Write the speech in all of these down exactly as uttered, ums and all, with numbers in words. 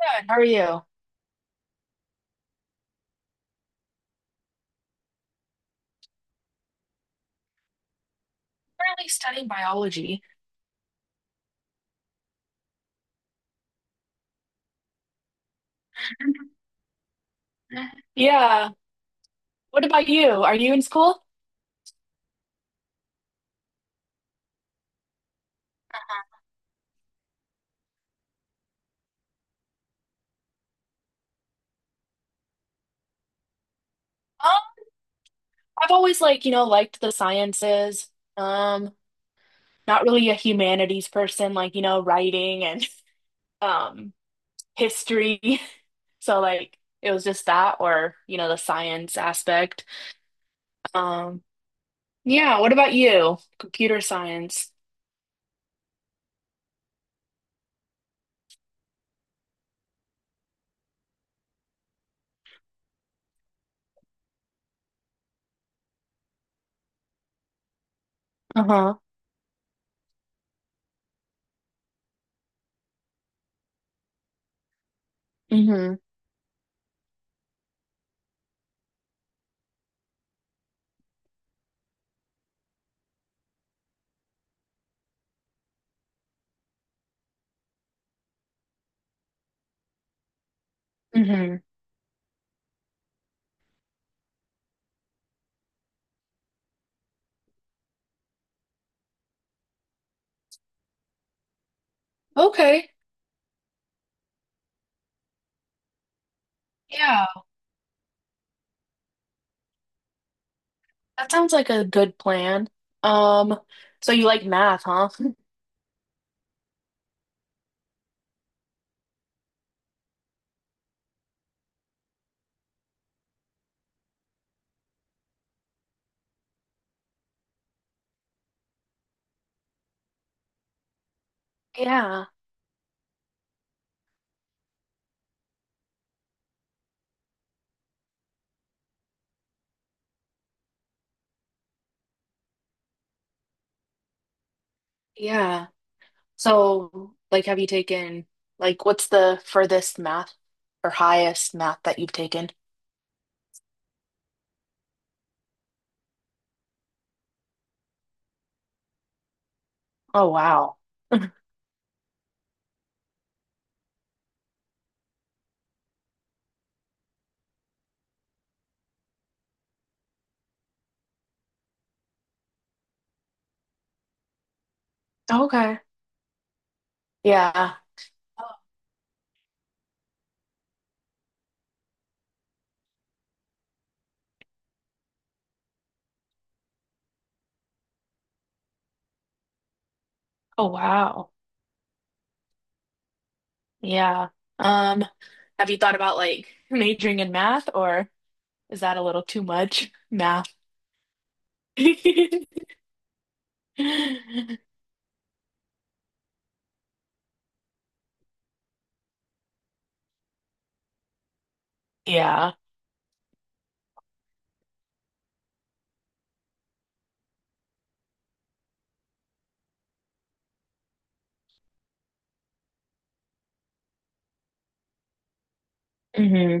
Good. How are you? Currently studying biology. Mhm. Yeah. What about you? Are you in school? Um, I've always like, you know, liked the sciences. Um, Not really a humanities person, like, you know, writing and um history. So like it was just that or, you know, the science aspect. Um, yeah, what about you? Computer science. Uh-huh. Mm-hmm. Mm-hmm. Okay. Yeah. That sounds like a good plan. Um, so you like math, huh? Yeah, yeah. So, like, have you taken, like, what's the furthest math or highest math that you've taken? Oh, wow. Okay. Yeah. Oh, wow. Yeah. Um, have you thought about like majoring in math or is that a little too much math? Yeah. Hmm.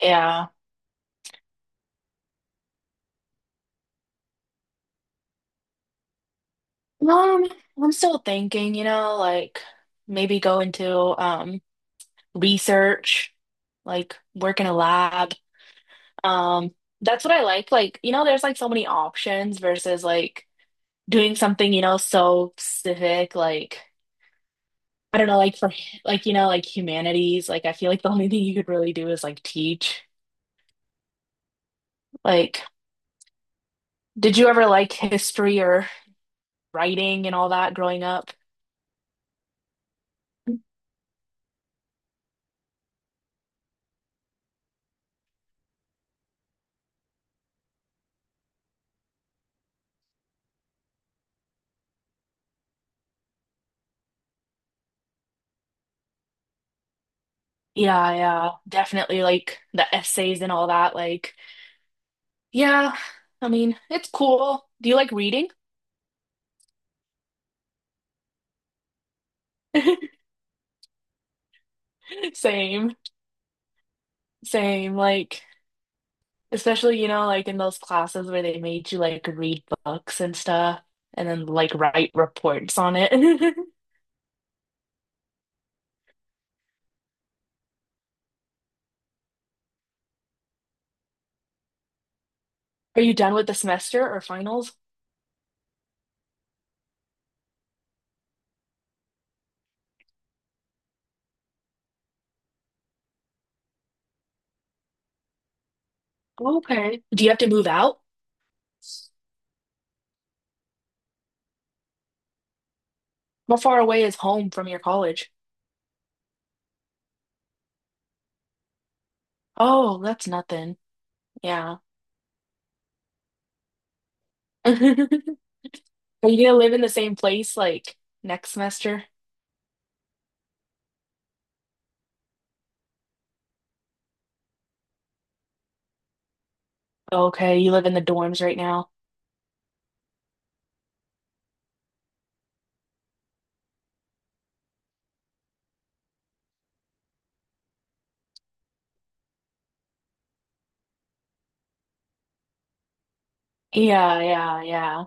Yeah. Um, I'm still thinking, you know, like maybe go into um research, like work in a lab. Um, that's what I like. Like, you know, there's like so many options versus like doing something, you know, so specific, like I don't know, like for like, you know, like humanities, like I feel like the only thing you could really do is like teach. Like, did you ever like history or writing and all that growing up? Yeah, yeah, definitely like the essays and all that. Like, yeah, I mean, it's cool. Do you like reading? Same, same. Like, especially, you know, like in those classes where they made you like read books and stuff and then like write reports on it. Are you done with the semester or finals? Okay. Do you have to move out? How far away is home from your college? Oh, that's nothing. Yeah. Are you gonna live in the same place like next semester? Okay, you live in the dorms right now. Yeah, yeah, yeah.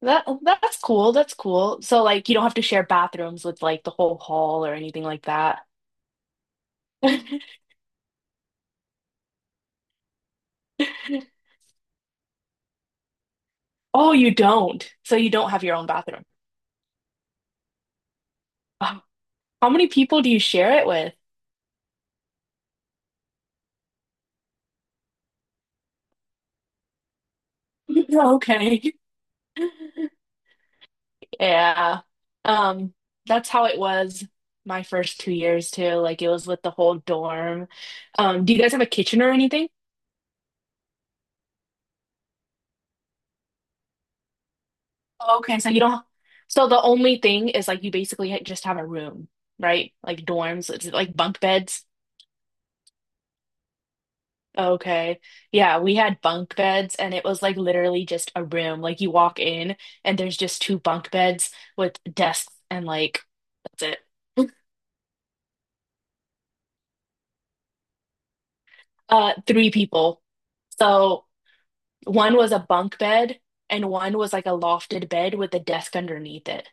That that's cool. That's cool. So like you don't have to share bathrooms with like the whole hall or anything like that. Oh, you don't. So you don't have your own bathroom. Oh. How many people do you share it with? Okay. Yeah. Um, that's how it was my first two years too. Like it was with the whole dorm. Um, do you guys have a kitchen or anything? Okay, so you don't. So the only thing is like you basically ha- just have a room, right? Like dorms, it's like bunk beds. Okay. Yeah, we had bunk beds and it was like literally just a room. Like you walk in and there's just two bunk beds with desks and like that's it. Uh, three people. So one was a bunk bed and one was like a lofted bed with a desk underneath it.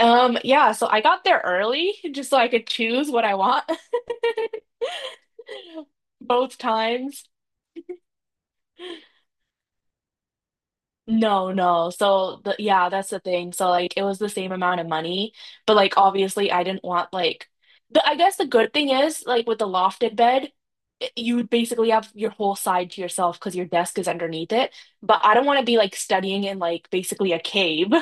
Um, yeah, so I got there early just so I could choose what I want. Both times. No, no. So the yeah, that's the thing. So like it was the same amount of money, but like obviously I didn't want like the I guess the good thing is like with the lofted bed, it- you would basically have your whole side to yourself because your desk is underneath it. But I don't want to be like studying in like basically a cave.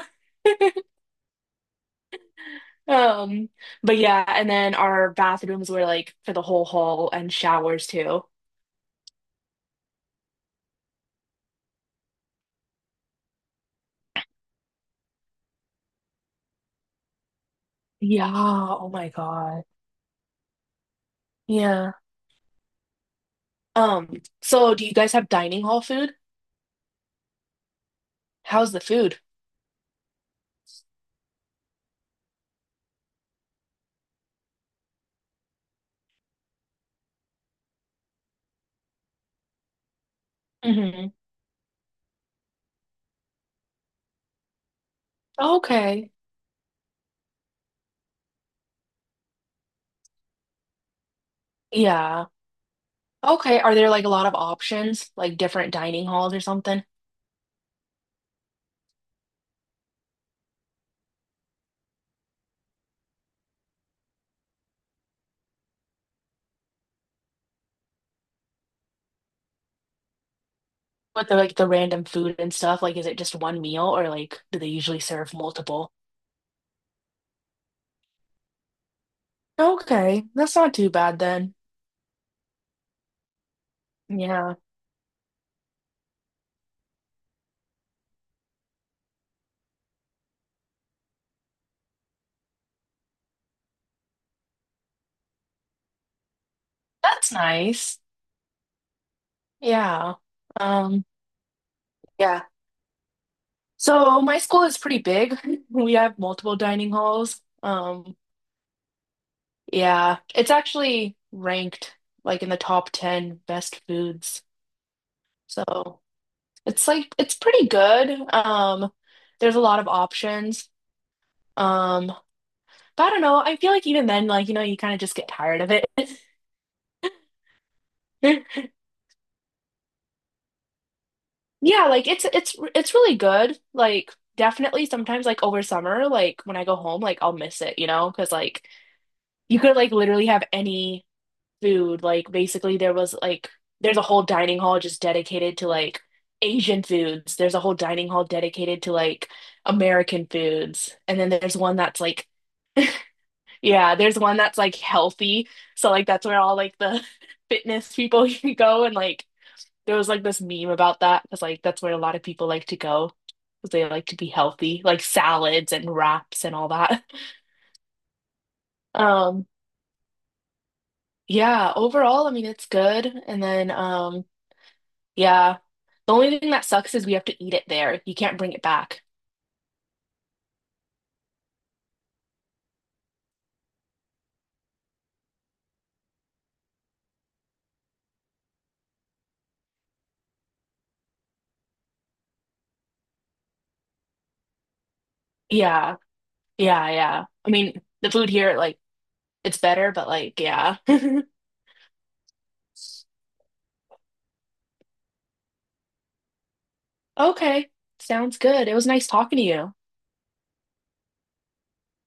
Um, but yeah, and then our bathrooms were like for the whole hall and showers too. Yeah, oh my God. Yeah. Um, so do you guys have dining hall food? How's the food? Hmm. Okay. Yeah. Okay. Are there like a lot of options, like different dining halls or something? With the like the random food and stuff, like is it just one meal or like do they usually serve multiple? Okay, that's not too bad then. Yeah. That's nice. Yeah. Um, yeah. So my school is pretty big. We have multiple dining halls. Um, yeah, it's actually ranked like in the top ten best foods. So it's like it's pretty good. Um, there's a lot of options. Um, but I don't know. I feel like even then, like, you know, you kind of just get tired of it. Yeah, like it's it's it's really good. Like definitely sometimes like over summer, like when I go home, like I'll miss it, you know, because like you could like literally have any food. Like basically there was like there's a whole dining hall just dedicated to like Asian foods. There's a whole dining hall dedicated to like American foods. And then there's one that's like yeah, there's one that's like healthy. So like that's where all like the fitness people can go and like there was like this meme about that because like that's where a lot of people like to go because they like to be healthy, like salads and wraps and all that. Um yeah, overall, I mean it's good. And then um yeah. The only thing that sucks is we have to eat it there. You can't bring it back. Yeah, yeah, yeah. I mean, the food here, like, it's better, but like, yeah. Okay, sounds good. It was nice talking to you.